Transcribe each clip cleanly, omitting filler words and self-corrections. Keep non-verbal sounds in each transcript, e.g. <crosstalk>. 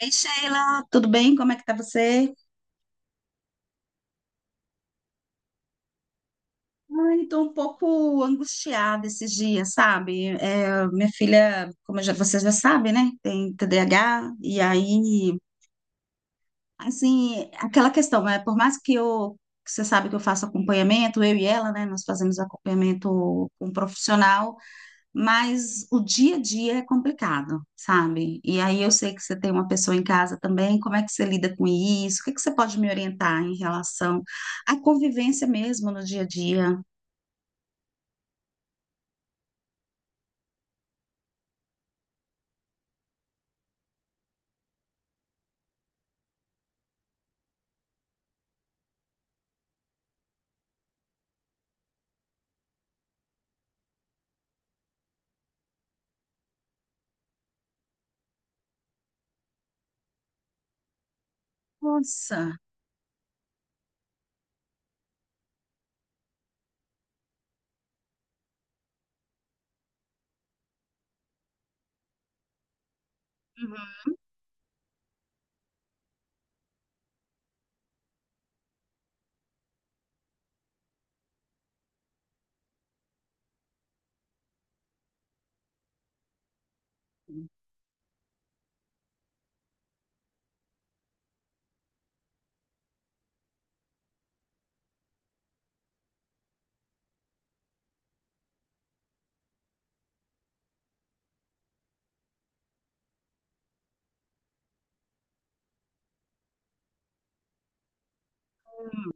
Ei, Sheila, tudo bem? Como é que tá você? Ai, tô um pouco angustiada esses dias, sabe? É, minha filha, vocês já sabem, né? Tem TDAH, e aí, assim, aquela questão, né? Por mais que eu, que você sabe que eu faço acompanhamento, eu e ela, né? Nós fazemos acompanhamento com um profissional, mas o dia a dia é complicado, sabe? E aí eu sei que você tem uma pessoa em casa também, como é que você lida com isso? O que é que você pode me orientar em relação à convivência mesmo no dia a dia? Nossa. Uhum.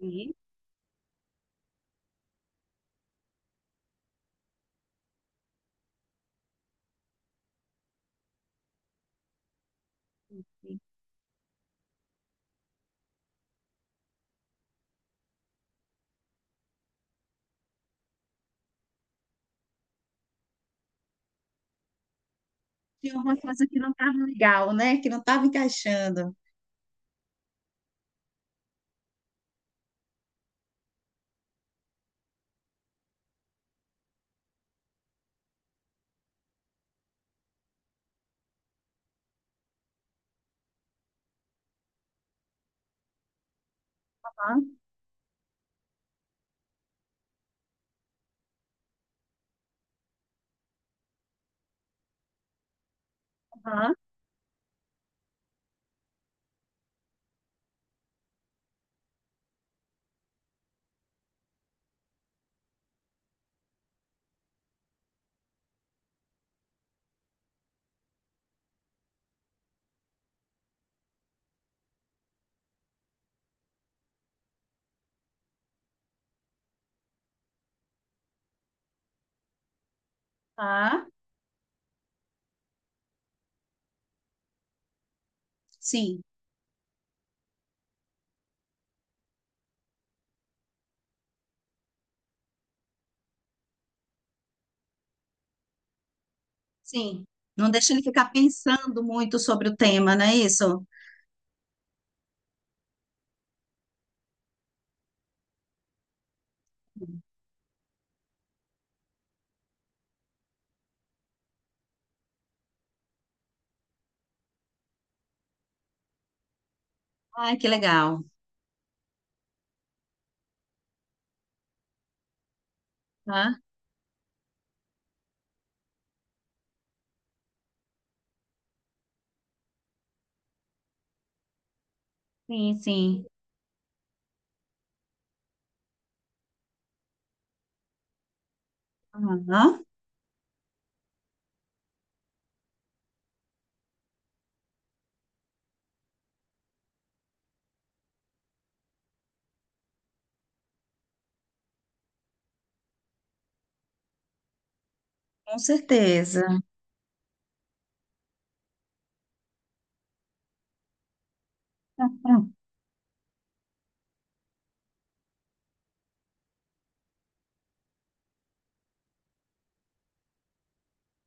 E e tinha uma coisa que não estava legal, né? Que não estava encaixando. Aham, aham, aham. Sim, sim. Não deixa ele ficar pensando muito sobre o tema, não é isso? Ai, que legal. Tá? Sim, sim. Aham, com certeza.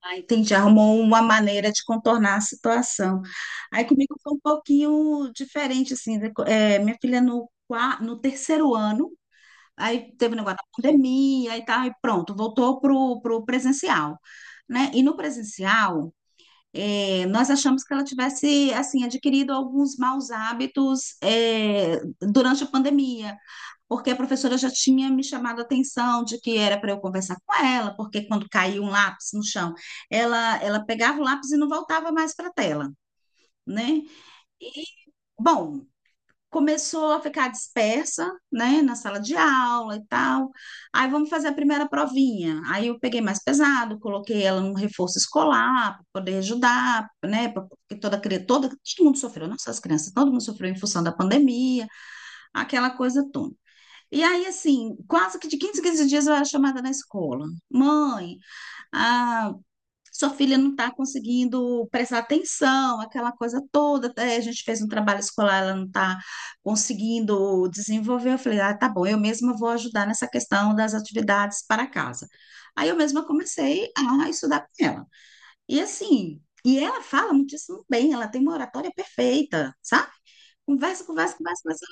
Ah, entendi. Arrumou uma maneira de contornar a situação. Aí comigo foi um pouquinho diferente, assim, né? Minha filha no terceiro ano, aí teve o negócio da pandemia e tal, e pronto, voltou pro presencial, né? E no presencial, nós achamos que ela tivesse, assim, adquirido alguns maus hábitos, durante a pandemia. Porque a professora já tinha me chamado a atenção de que era para eu conversar com ela, porque quando caiu um lápis no chão, ela pegava o lápis e não voltava mais para a tela, né? Bom, começou a ficar dispersa, né, na sala de aula e tal. Aí vamos fazer a primeira provinha. Aí eu peguei mais pesado, coloquei ela num reforço escolar para poder ajudar, né, porque toda cri- toda todo mundo sofreu, não só as crianças, todo mundo sofreu em função da pandemia, aquela coisa toda. E aí, assim, quase que de 15 em 15 dias eu era chamada na escola. Mãe, a sua filha não está conseguindo prestar atenção, aquela coisa toda. Até a gente fez um trabalho escolar, ela não está conseguindo desenvolver. Eu falei, ah, tá bom, eu mesma vou ajudar nessa questão das atividades para casa. Aí eu mesma comecei a estudar com ela. E assim, e ela fala muitíssimo bem, ela tem uma oratória perfeita, sabe? Conversa, conversa, conversa, conversa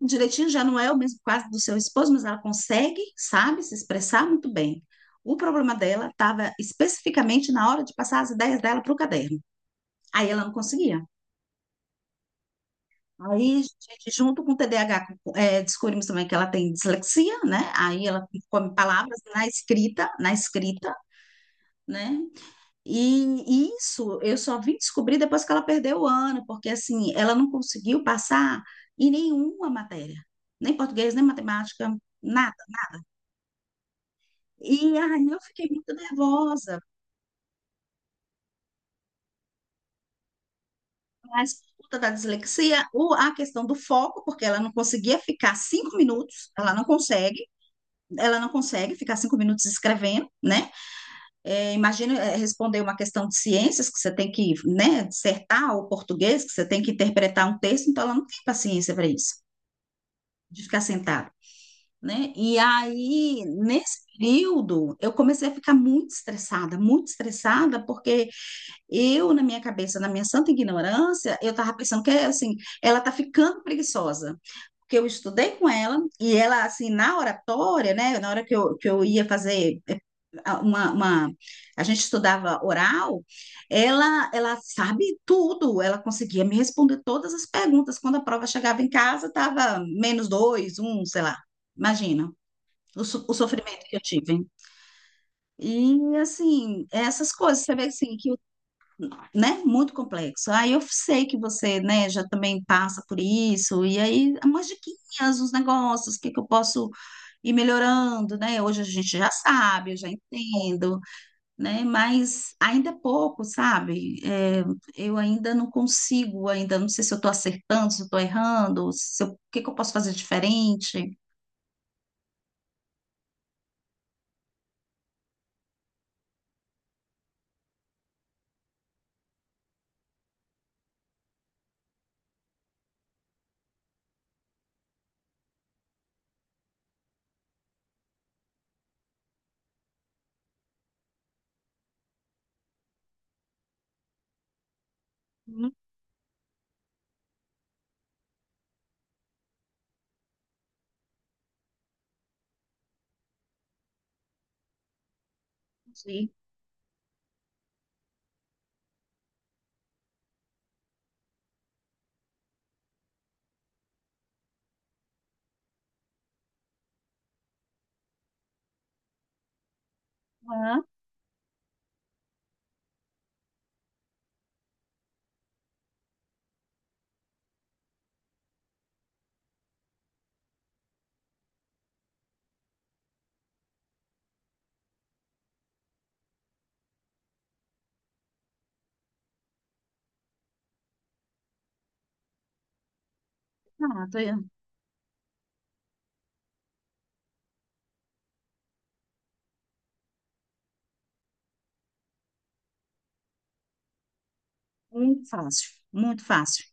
direitinho, já não é o mesmo caso do seu esposo, mas ela consegue, sabe, se expressar muito bem. O problema dela estava especificamente na hora de passar as ideias dela para o caderno. Aí ela não conseguia. Aí, gente, junto com o TDAH, descobrimos também que ela tem dislexia, né? Aí ela come palavras na escrita, né? E isso eu só vim descobrir depois que ela perdeu o ano, porque assim, ela não conseguiu passar em nenhuma matéria, nem português, nem matemática, nada. E aí eu fiquei muito nervosa, mas por conta da dislexia, a questão do foco, porque ela não conseguia ficar 5 minutos, ela não consegue ficar cinco minutos escrevendo, né? É, imagina, é, responder uma questão de ciências, que você tem que, né, dissertar, ou português, que você tem que interpretar um texto, então ela não tem paciência para isso, de ficar sentada. Né? E aí, nesse período, eu comecei a ficar muito estressada, porque eu, na minha cabeça, na minha santa ignorância, eu estava pensando que, é assim, ela está ficando preguiçosa. Porque eu estudei com ela e ela, assim, na oratória, né? Na hora que eu ia fazer. Uma, uma... A gente estudava oral, ela sabe tudo. Ela conseguia me responder todas as perguntas. Quando a prova chegava em casa, estava menos dois, um, sei lá. Imagina o sofrimento que eu tive. E, assim, essas coisas, você vê, assim, que, né, muito complexo. Aí eu sei que você, né, já também passa por isso, e aí umas diquinhas, uns negócios, o que que eu posso ir melhorando, né? Hoje a gente já sabe, eu já entendo, né? Mas ainda é pouco, sabe? É, eu ainda não consigo, ainda não sei se eu estou acertando, se eu estou errando, se eu- o que que eu posso fazer diferente. Uhum. Sim. Ah, tá, muito fácil, muito fácil.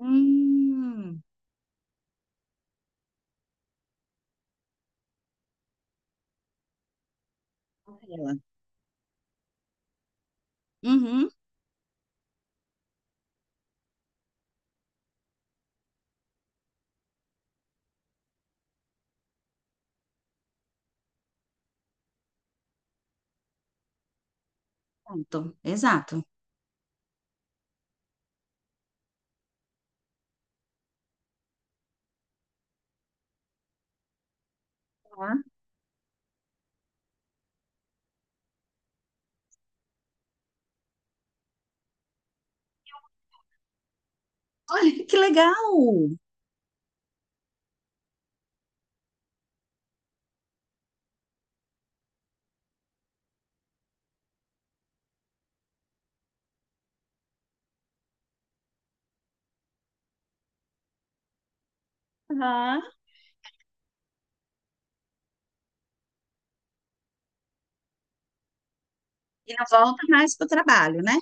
Hum, ela. Uhum. Pronto, exato. Tá? Olha, que legal! Aham. E não volta mais para o trabalho, né?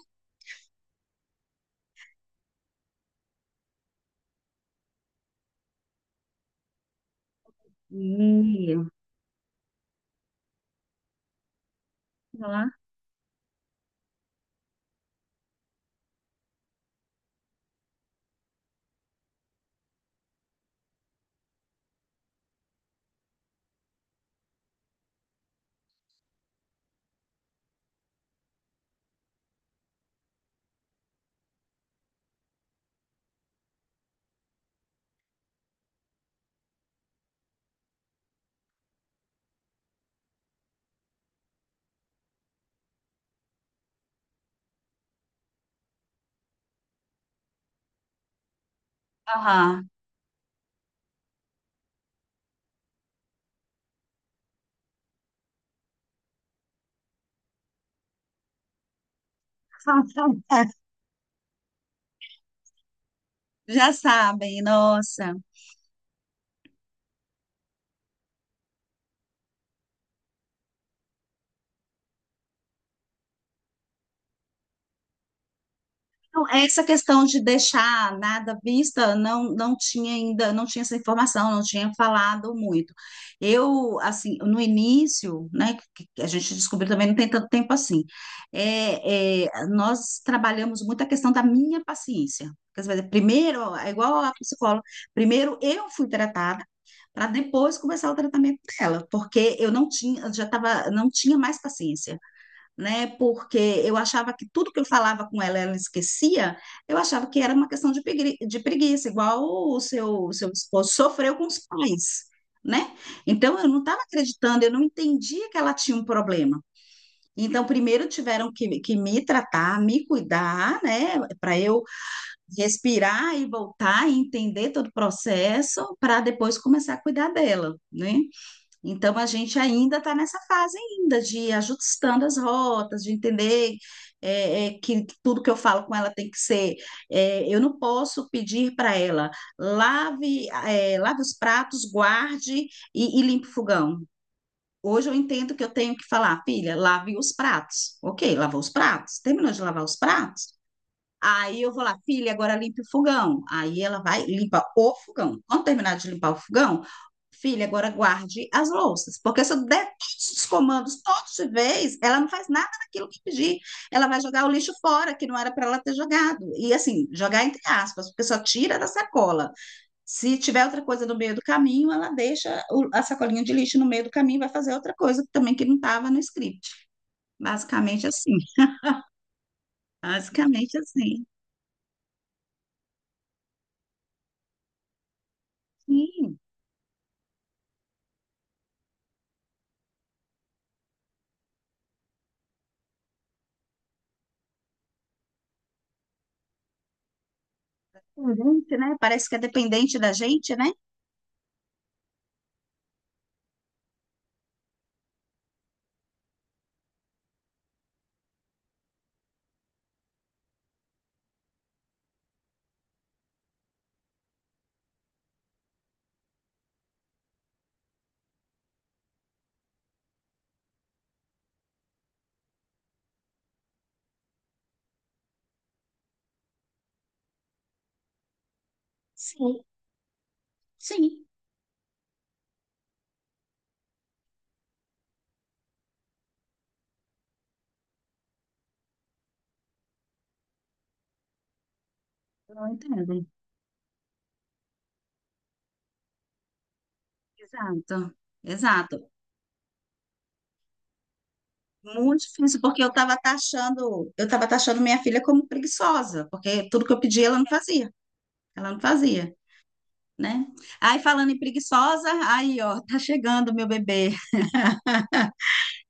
E, Aham. Aham. <laughs> Já sabem, nossa. Então, essa questão de deixar nada à vista, não, não tinha ainda, não tinha essa informação, não tinha falado muito. Eu, assim, no início, né, que a gente descobriu também, não tem tanto tempo assim, é, é, nós trabalhamos muito a questão da minha paciência. Quer dizer, primeiro, é igual a psicóloga, primeiro eu fui tratada, para depois começar o tratamento dela, porque eu não tinha, já tava, não tinha mais paciência, né? Porque eu achava que tudo que eu falava com ela, ela esquecia, eu achava que era uma questão de de preguiça, igual o seu esposo sofreu com os pais, né? Então eu não estava acreditando, eu não entendia que ela tinha um problema. Então, primeiro tiveram que me tratar, me cuidar, né, para eu respirar e voltar e entender todo o processo, para depois começar a cuidar dela, né? Então a gente ainda está nessa fase ainda de ir ajustando as rotas, de entender, que tudo que eu falo com ela tem que ser. Eu não posso pedir para ela lave os pratos, guarde e limpe o fogão. Hoje eu entendo que eu tenho que falar, filha, lave os pratos. Ok, lavou os pratos. Terminou de lavar os pratos? Aí eu vou lá, filha, agora limpe o fogão. Aí ela vai, limpa o fogão. Quando terminar de limpar o fogão, filha, agora guarde as louças. Porque se eu der todos os comandos todos de vez, ela não faz nada daquilo que eu pedi. Ela vai jogar o lixo fora, que não era para ela ter jogado. E assim, jogar entre aspas, porque só tira da sacola. Se tiver outra coisa no meio do caminho, ela deixa a sacolinha de lixo no meio do caminho e vai fazer outra coisa também que não estava no script. Basicamente assim. Basicamente assim. Sim. Dependente, né? Parece que é dependente da gente, né? Sim, sim. Não entendo. Exato, exato. Muito difícil, porque eu estava taxando minha filha como preguiçosa, porque tudo que eu pedi ela não fazia, né? Aí falando em preguiçosa, aí ó, tá chegando meu bebê,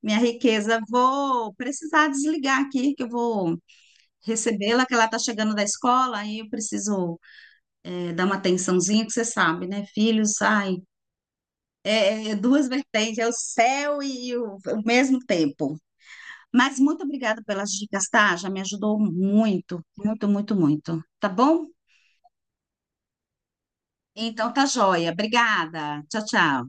minha riqueza. Vou precisar desligar aqui, que eu vou recebê-la, que ela tá chegando da escola, aí eu preciso dar uma atençãozinha, que você sabe, né? Filhos, ai, É, é, duas vertentes, é o céu e o mesmo tempo. Mas muito obrigada pelas dicas, tá? Já me ajudou muito, muito, muito, muito. Tá bom? Então tá joia. Obrigada. Tchau, tchau.